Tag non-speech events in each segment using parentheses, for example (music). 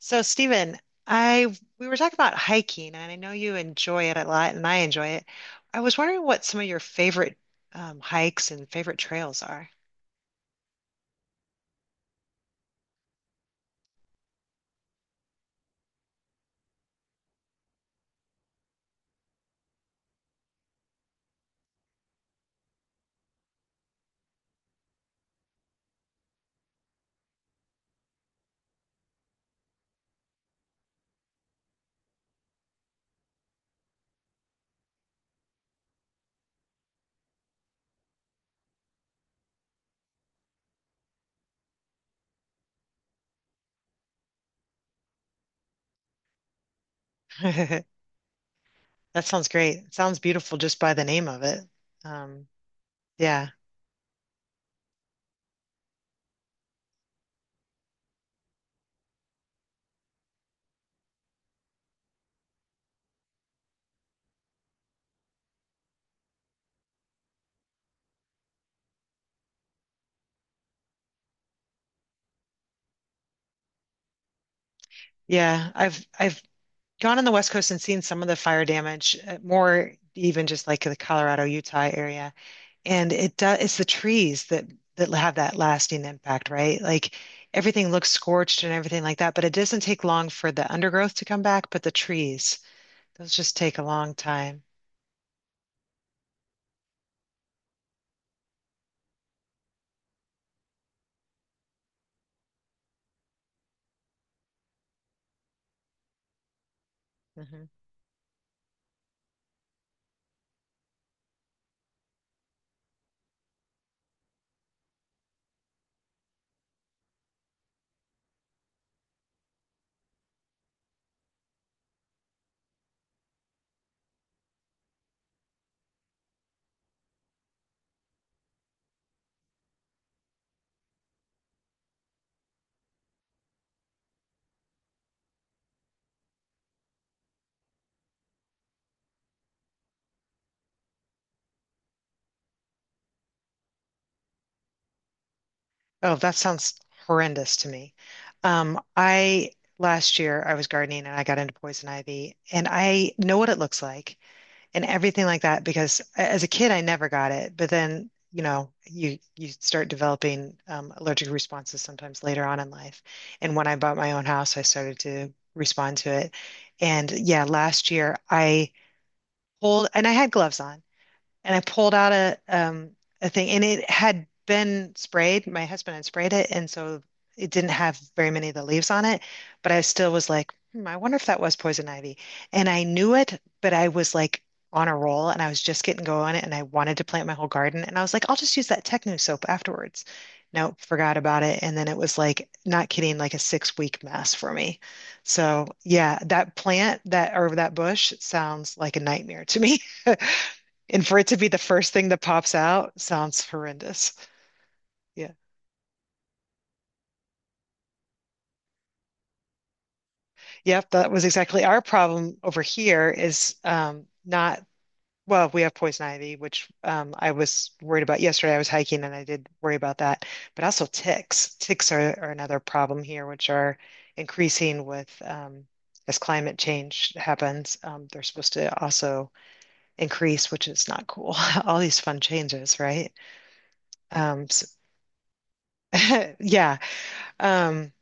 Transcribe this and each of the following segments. So, Stephen, I we were talking about hiking, and I know you enjoy it a lot, and I enjoy it. I was wondering what some of your favorite hikes and favorite trails are. (laughs) That sounds great. It sounds beautiful just by the name of it. Um, yeah, yeah. I've gone on the West Coast and seen some of the fire damage, more even just like the Colorado, Utah area. And it does, it's the trees that have that lasting impact, right? Like everything looks scorched and everything like that, but it doesn't take long for the undergrowth to come back, but the trees, those just take a long time. hmm Oh, that sounds horrendous to me. I Last year I was gardening and I got into poison ivy and I know what it looks like, and everything like that because as a kid I never got it, but then you know, you start developing allergic responses sometimes later on in life. And when I bought my own house, I started to respond to it. And yeah, last year I pulled, and I had gloves on, and I pulled out a thing, and it had been sprayed. My husband had sprayed it, and so it didn't have very many of the leaves on it, but I still was like, hmm, I wonder if that was poison ivy. And I knew it, but I was like on a roll and I was just getting going and I wanted to plant my whole garden, and I was like, I'll just use that Techno soap afterwards. Nope, forgot about it. And then it was like, not kidding, like a 6-week mess for me. So yeah, that plant that or that bush sounds like a nightmare to me. And for it to be the first thing that pops out sounds horrendous. Yeah. Yep, that was exactly our problem over here is not, well, we have poison ivy, which I was worried about yesterday. I was hiking and I did worry about that. But also ticks. Ticks are another problem here, which are increasing with as climate change happens. They're supposed to also increase, which is not cool. (laughs) All these fun changes, right? S (laughs) yeah. Um,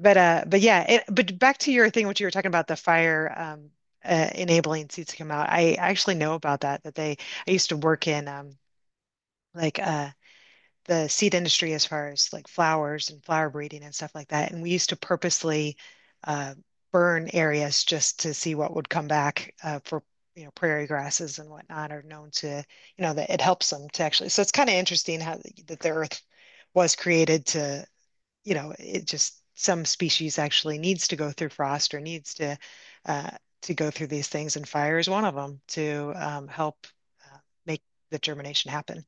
but yeah, but back to your thing, what you were talking about, the fire enabling seeds to come out. I actually know about that. I used to work in like uh, the seed industry as far as like flowers and flower breeding and stuff like that. And we used to purposely uh, burn areas just to see what would come back for you know prairie grasses and whatnot are known to you know that it helps them to actually. So it's kind of interesting how that the earth was created to, you know, it just some species actually needs to go through frost or needs uh, to go through these things, and fire is one of them to help uh, make the germination happen.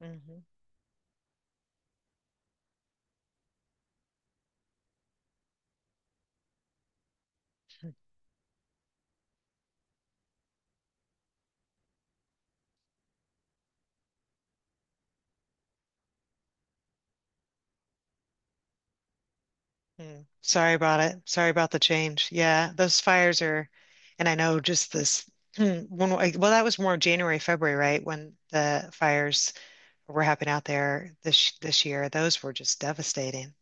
hmm Mm. Sorry about it. Sorry about the change. Yeah, those fires are, and I know just this (clears throat) one. Well, that was more January, February, right? When the fires were happening out there this year, those were just devastating.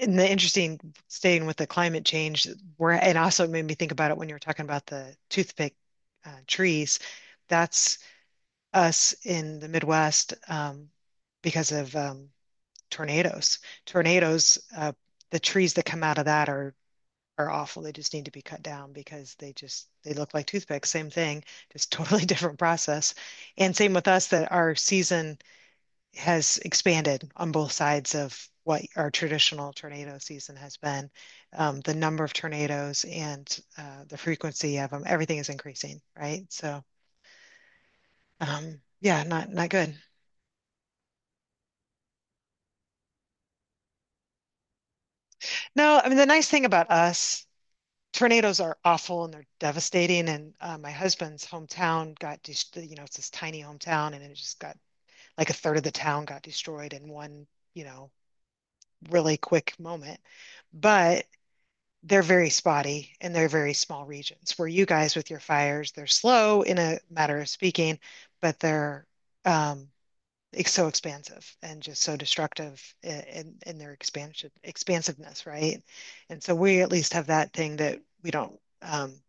And the interesting, staying with the climate change, where, and also it made me think about it when you were talking about the toothpick trees. That's us in the Midwest, because of tornadoes. Tornadoes, uh, the trees that come out of that are awful. They just need to be cut down because they look like toothpicks. Same thing, just (laughs) totally different process. And same with us that our season has expanded on both sides of what our traditional tornado season has been. The number of tornadoes and the frequency of them, everything is increasing, right? Yeah, not, not good. No, I mean the nice thing about us, tornadoes are awful and they're devastating. And my husband's hometown got, you know, it's this tiny hometown, and it just got like a third of the town got destroyed in one, you know, really quick moment. But they're very spotty and they're very small regions, where you guys with your fires, they're slow in a matter of speaking, but they're um, it's so expansive and just so destructive in, their expansion expansiveness, right? And so we at least have that thing that we don't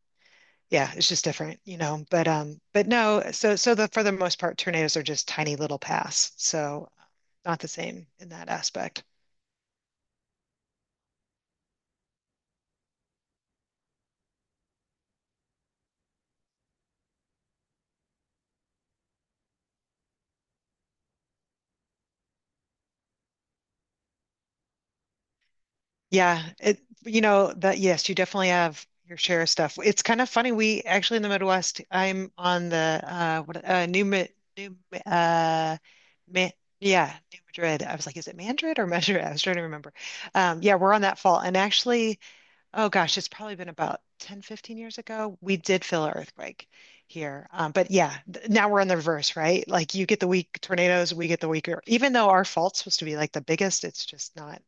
yeah, it's just different, you know. But no, so so the for the most part, tornadoes are just tiny little paths. So not the same in that aspect. Yeah, it, you know that, yes, you definitely have your share of stuff. It's kind of funny. We actually in the Midwest, I'm on the what New Ma- New Ma- Ma yeah, New Madrid. I was like, is it Madrid or Madrid? (laughs) I was trying to remember. Yeah, we're on that fault. And actually, oh gosh, it's probably been about 10, 15 years ago. We did feel an earthquake here. But yeah, now we're in the reverse, right? Like you get the weak tornadoes, we get the weaker. Even though our fault's supposed to be like the biggest, it's just not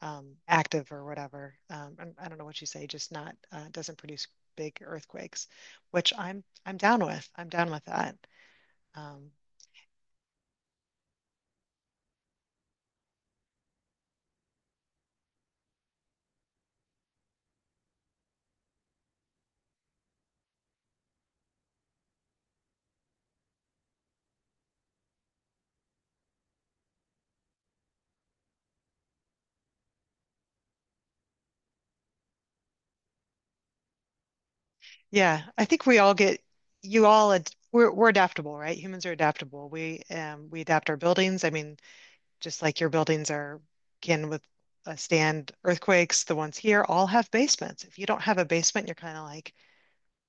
active or whatever. I don't know what you say, just not doesn't produce big earthquakes, which I'm down with. I'm down with that. Um, yeah, I think we all get, you all ad we're adaptable, right? Humans are adaptable. We adapt our buildings. I mean, just like your buildings are can with stand earthquakes, the ones here all have basements. If you don't have a basement, you're kind of like,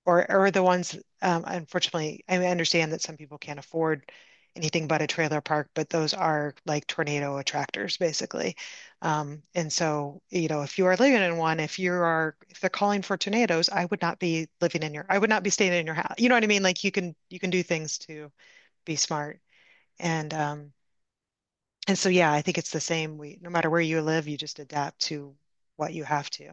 or the ones, unfortunately, I understand that some people can't afford anything but a trailer park, but those are like tornado attractors, basically. And so, you know, if you are living in one, if you are, if they're calling for tornadoes, I would not be living in your, I would not be staying in your house. You know what I mean? Like you can do things to be smart. And um, and So, yeah, I think it's the same. We, no matter where you live, you just adapt to what you have to.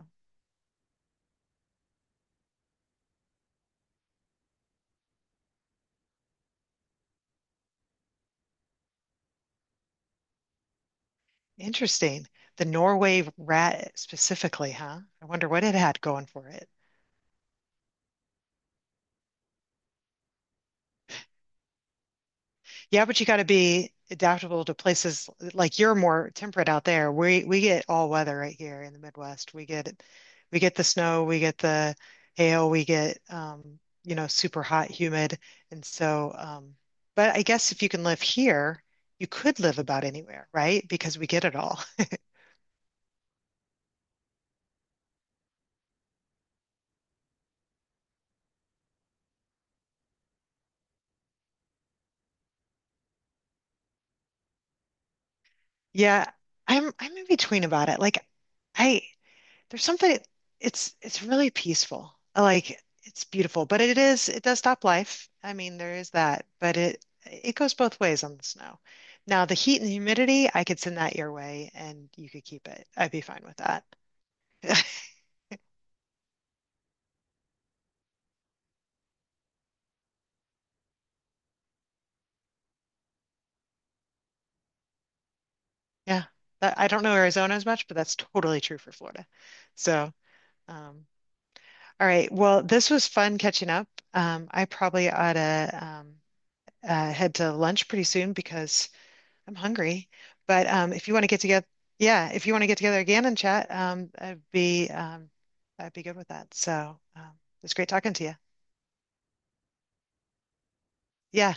Interesting. The Norway rat specifically, huh? I wonder what it had going for it. Yeah, but you got to be adaptable to places, like you're more temperate out there. We get all weather right here in the Midwest. We get, the snow, we get the hail, we get, you know, super hot, humid. And so But I guess if you can live here, you could live about anywhere, right? Because we get it all. Yeah, I'm in between about it. Like I There's something, it's really peaceful. I like it's beautiful, but it is, it does stop life. I mean, there is that, but it goes both ways on the snow. Now, the heat and humidity, I could send that your way and you could keep it. I'd be fine with that. (laughs) Yeah. That- I don't know Arizona as much, but that's totally true for Florida. So, um, all right. Well, this was fun catching up. I probably ought to head to lunch pretty soon because I'm hungry, but if you want to get together, yeah, if you want to get together again and chat, I'd be good with that. It's great talking to you. Yeah.